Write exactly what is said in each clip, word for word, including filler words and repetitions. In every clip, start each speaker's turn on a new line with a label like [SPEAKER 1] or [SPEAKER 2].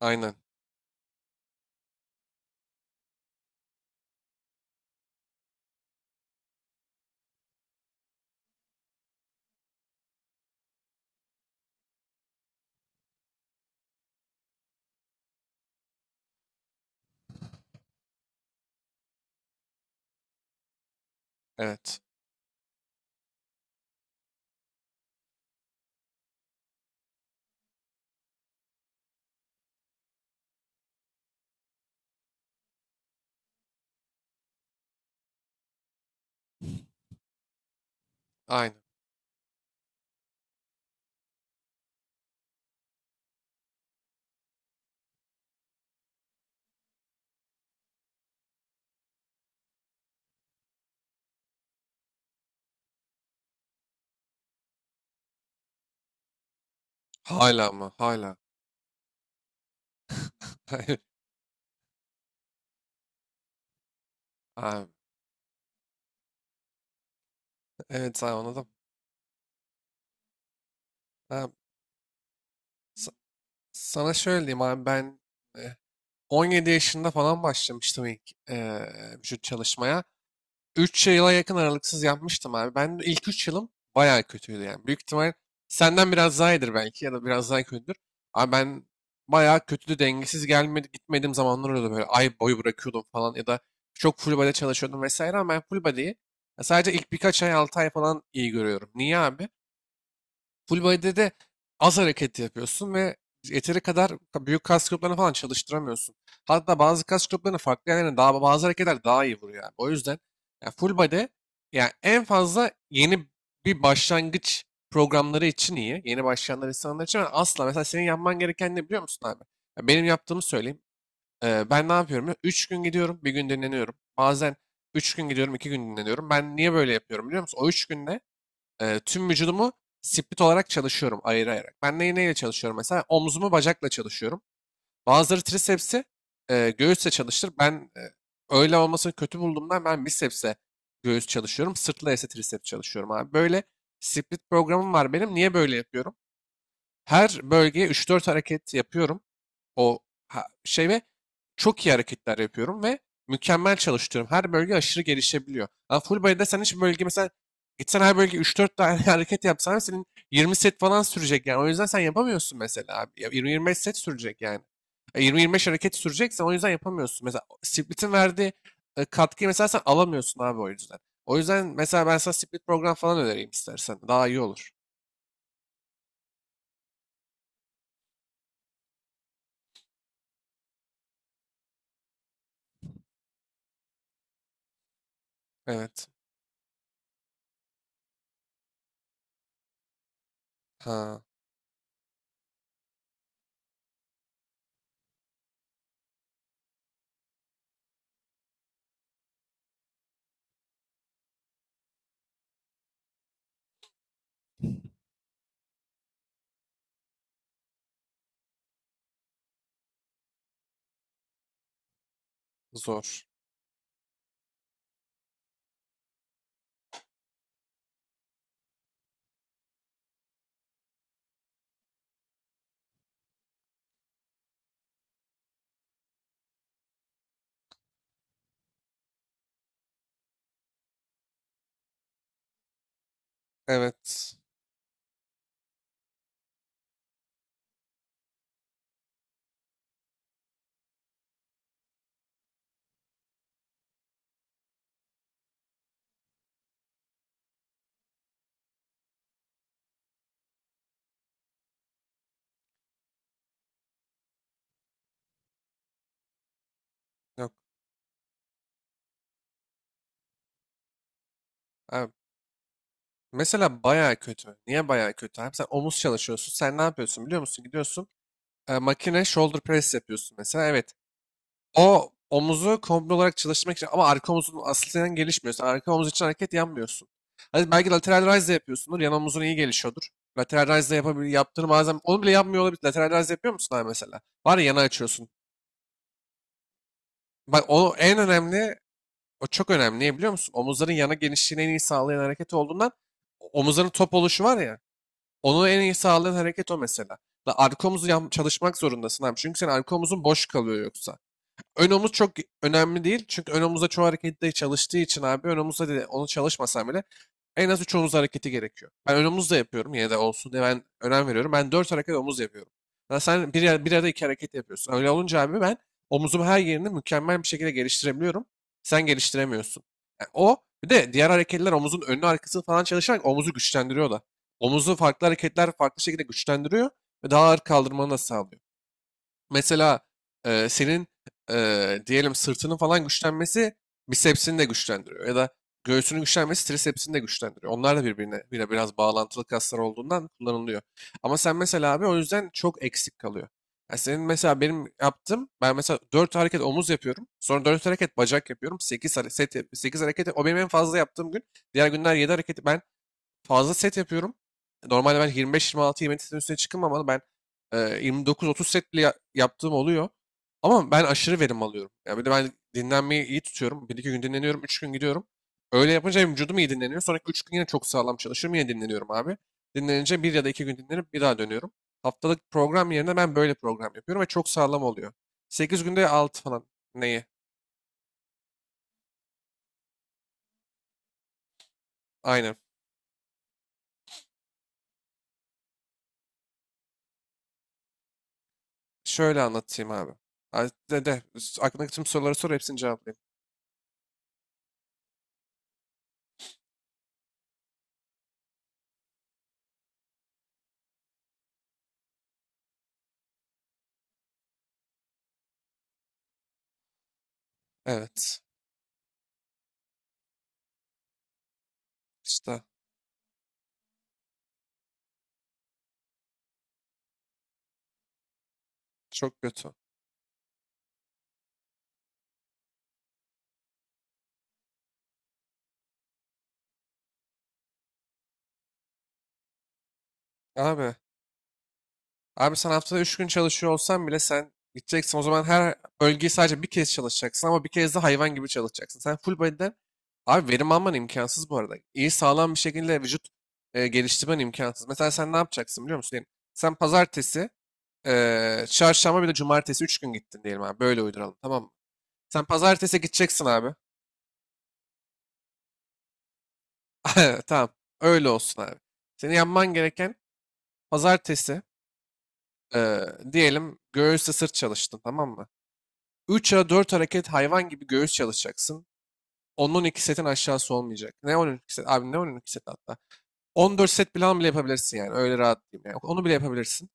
[SPEAKER 1] Aynen. Evet. Aynen. Hala ama hala. Hayır. Abi. Evet abi anladım. Abi, sa- sana şöyle diyeyim abi ben e, on yedi yaşında falan başlamıştım ilk e, vücut çalışmaya. Üç yıla yakın aralıksız yapmıştım abi. Ben de ilk üç yılım bayağı kötüydü yani. Büyük ihtimal senden biraz daha iyidir belki ya da biraz daha kötüdür. Ama ben bayağı kötüydü, dengesiz gelmedi gitmediğim zamanlar oluyordu, böyle ay boyu bırakıyordum falan ya da çok full body çalışıyordum vesaire, ama ben full body'yi ya sadece ilk birkaç ay, altı ay falan iyi görüyorum. Niye abi? Full body'de de az hareket yapıyorsun ve yeteri kadar büyük kas gruplarını falan çalıştıramıyorsun. Hatta bazı kas gruplarını farklı yerlerine daha bazı hareketler daha iyi vuruyor. Yani. O yüzden yani full body yani en fazla yeni bir başlangıç programları için iyi. Yeni başlayanlar insanlar için, ama asla. Mesela senin yapman gereken ne biliyor musun abi? Ya benim yaptığımı söyleyeyim. Ee, ben ne yapıyorum? Üç gün gidiyorum, bir gün dinleniyorum. Bazen üç gün gidiyorum, iki gün dinleniyorum. Ben niye böyle yapıyorum biliyor musun? O üç günde e, tüm vücudumu split olarak çalışıyorum, ayırayarak. Ben neyi neyle çalışıyorum mesela? Omzumu bacakla çalışıyorum. Bazıları trisepsi e, göğüsle çalıştır. Ben e, öyle olmasını kötü bulduğumdan ben bicepsle göğüs çalışıyorum. Sırtla ise triceps çalışıyorum abi. Böyle split programım var benim. Niye böyle yapıyorum? Her bölgeye üç dört hareket yapıyorum o ha- şey ve çok iyi hareketler yapıyorum ve mükemmel çalıştırıyorum. Her bölge aşırı gelişebiliyor. Ama full body'de sen hiç bölge mesela gitsen her bölge üç dört tane hareket yapsan senin yirmi set falan sürecek yani. O yüzden sen yapamıyorsun mesela abi. Ya yirmi yirmi beş set sürecek yani. E, yirmi yirmi beş hareket süreceksen o yüzden yapamıyorsun. Mesela split'in verdiği e, katkıyı mesela sen alamıyorsun abi o yüzden. O yüzden mesela ben sana split program falan önereyim istersen. Daha iyi olur. Evet. Ha, zor. Evet. Yok. Evet. Mesela bayağı kötü. Niye bayağı kötü abi? Sen omuz çalışıyorsun. Sen ne yapıyorsun biliyor musun? Gidiyorsun e, makine shoulder press yapıyorsun mesela. Evet. O omuzu komple olarak çalıştırmak için, ama arka omuzun aslen gelişmiyor. Sen arka omuz için hareket yapmıyorsun. Hadi belki lateral raise de yapıyorsundur. Yan omuzun iyi gelişiyordur. Lateral raise de yapabil yaptığını bazen onu bile yapmıyor olabilir. Lateral raise yapıyor musun abi mesela? Var ya, yana açıyorsun. Bak o en önemli, o çok önemli. Niye biliyor musun? Omuzların yana genişliğini en iyi sağlayan hareket olduğundan, omuzların top oluşu var ya. Onu en iyi sağlayan hareket o mesela. La arka omuz, yan- çalışmak zorundasın abi. Çünkü senin arka omuzun boş kalıyor yoksa. Ön omuz çok önemli değil. Çünkü ön omuzda çoğu harekette çalıştığı için abi, ön omuzda de onu çalışmasam bile en az üç omuz hareketi gerekiyor. Ben ön omuz da yapıyorum, yine de olsun diye ben önem veriyorum. Ben dört hareket omuz yapıyorum. Ya sen bir, yer- bir arada iki hareket yapıyorsun. Öyle olunca abi ben omuzumu her yerini mükemmel bir şekilde geliştirebiliyorum. Sen geliştiremiyorsun. Yani o bir de diğer hareketler omuzun önünü arkasını falan çalışarak omuzu güçlendiriyor da. Omuzu farklı hareketler farklı şekilde güçlendiriyor ve daha ağır kaldırmanı da sağlıyor. Mesela e, senin e, diyelim sırtının falan güçlenmesi bisepsini de güçlendiriyor. Ya da göğsünün güçlenmesi trisepsini de güçlendiriyor. Onlar da birbirine bile biraz bağlantılı kaslar olduğundan kullanılıyor. Ama sen mesela abi o yüzden çok eksik kalıyor. Yani senin mesela benim yaptığım, ben mesela dört hareket omuz yapıyorum. Sonra dört hareket bacak yapıyorum. Sekiz hareket, sekiz hareket o benim en fazla yaptığım gün. Diğer günler yedi hareket. Ben fazla set yapıyorum. Normalde ben yirmi beş yirmi altı-yirmi yedi setin üstüne çıkmam, ama ben e, yirmi dokuz otuz set bile ya- yaptığım oluyor. Ama ben aşırı verim alıyorum. Yani bir de ben dinlenmeyi iyi tutuyorum. Bir iki gün dinleniyorum, üç gün gidiyorum. Öyle yapınca hem vücudum iyi dinleniyor. Sonraki üç gün yine çok sağlam çalışıyorum. Yine dinleniyorum abi. Dinlenince bir ya da iki gün dinlenip bir daha dönüyorum. Haftalık program yerine ben böyle program yapıyorum ve çok sağlam oluyor. Sekiz günde altı falan. Neyi? Aynen. Şöyle anlatayım abi. Ha, de, de. Aklındaki tüm soruları sor, hepsini cevaplayayım. Evet. İşte çok kötü. Abi, abi sen haftada üç gün çalışıyor olsan bile sen gideceksin. O zaman her bölgeyi sadece bir kez çalışacaksın, ama bir kez de hayvan gibi çalışacaksın. Sen full body'den abi verim alman imkansız bu arada. İyi sağlam bir şekilde vücut e, geliştirmen imkansız. Mesela sen ne yapacaksın biliyor musun? Diyelim, sen pazartesi, e, çarşamba bir de cumartesi üç gün gittin diyelim abi. Böyle uyduralım, tamam mı? Sen pazartesi gideceksin abi. Tamam. Öyle olsun abi. Senin yapman gereken pazartesi, Ee, diyelim göğüsle sırt çalıştın, tamam mı? Üç ya dört hareket hayvan gibi göğüs çalışacaksın. on iki setin aşağısı olmayacak. Ne on iki set? Abi ne on iki set hatta? on dört set plan bile yapabilirsin yani. Öyle rahat diyeyim. Yani. Onu bile yapabilirsin.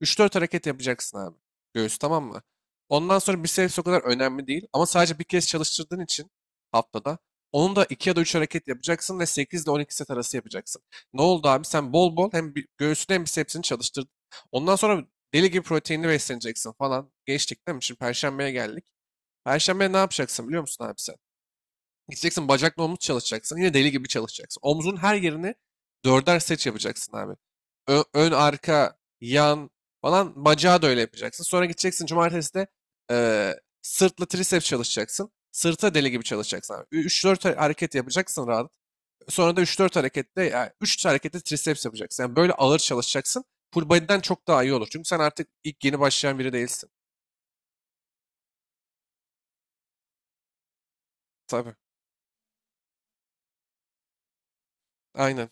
[SPEAKER 1] üç dört hareket yapacaksın abi. Göğüs tamam mı? Ondan sonra biceps o kadar önemli değil. Ama sadece bir kez çalıştırdığın için haftada onu da iki ya da üç hareket yapacaksın ve sekiz ile on iki set arası yapacaksın. Ne oldu abi? Sen bol bol hem bi- göğsünü hem bicepsini çalıştırdın. Ondan sonra deli gibi proteinli besleneceksin falan. Geçtik değil mi? Şimdi Perşembe'ye geldik. Perşembe ne yapacaksın biliyor musun abi sen? Gideceksin bacakla omuz çalışacaksın. Yine deli gibi çalışacaksın. Omzun her yerini dörder set yapacaksın abi. Ö- ön, arka, yan falan, bacağı da öyle yapacaksın. Sonra gideceksin cumartesi de eee, sırtla triceps çalışacaksın. Sırta deli gibi çalışacaksın abi. Ü- üç dört 4 hareket yapacaksın rahat. Sonra da üç dört harekette, yani üç harekette triceps yapacaksın. Yani böyle ağır çalışacaksın. Full body'den çok daha iyi olur. Çünkü sen artık ilk yeni başlayan biri değilsin. Tabii. Aynen.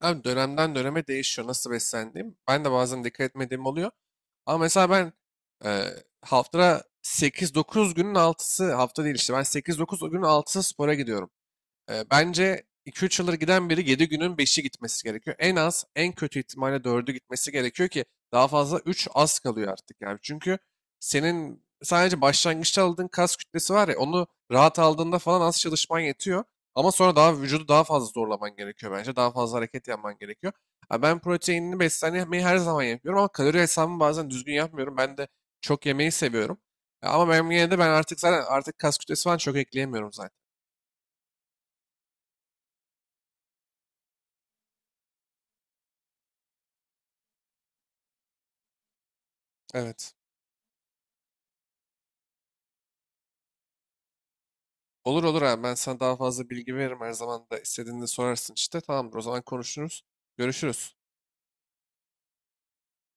[SPEAKER 1] Abi dönemden döneme değişiyor nasıl beslendiğim. Ben de bazen dikkat etmediğim oluyor. Ama mesela ben e, haftada sekiz dokuz günün altısı, hafta değil işte, ben sekiz dokuz günün altısı spora gidiyorum. Ee, bence iki üç yıldır giden biri yedi günün beşi gitmesi gerekiyor. En az en kötü ihtimalle dördü gitmesi gerekiyor ki daha fazla üç az kalıyor artık yani. Çünkü senin sadece başlangıçta aldığın kas kütlesi var ya, onu rahat aldığında falan az çalışman yetiyor. Ama sonra daha vücudu daha fazla zorlaman gerekiyor bence. Daha fazla hareket yapman gerekiyor. Ha, ben proteinini beslenmeyi her zaman yapıyorum, ama kalori hesabımı bazen düzgün yapmıyorum. Ben de çok yemeyi seviyorum. Ya, ama ben yine de ben artık, zaten artık kas kütlesi falan çok ekleyemiyorum zaten. Evet. Olur olur abi, ben sana daha fazla bilgi veririm, her zaman da istediğinde sorarsın işte. Tamamdır, o zaman konuşuruz. Görüşürüz.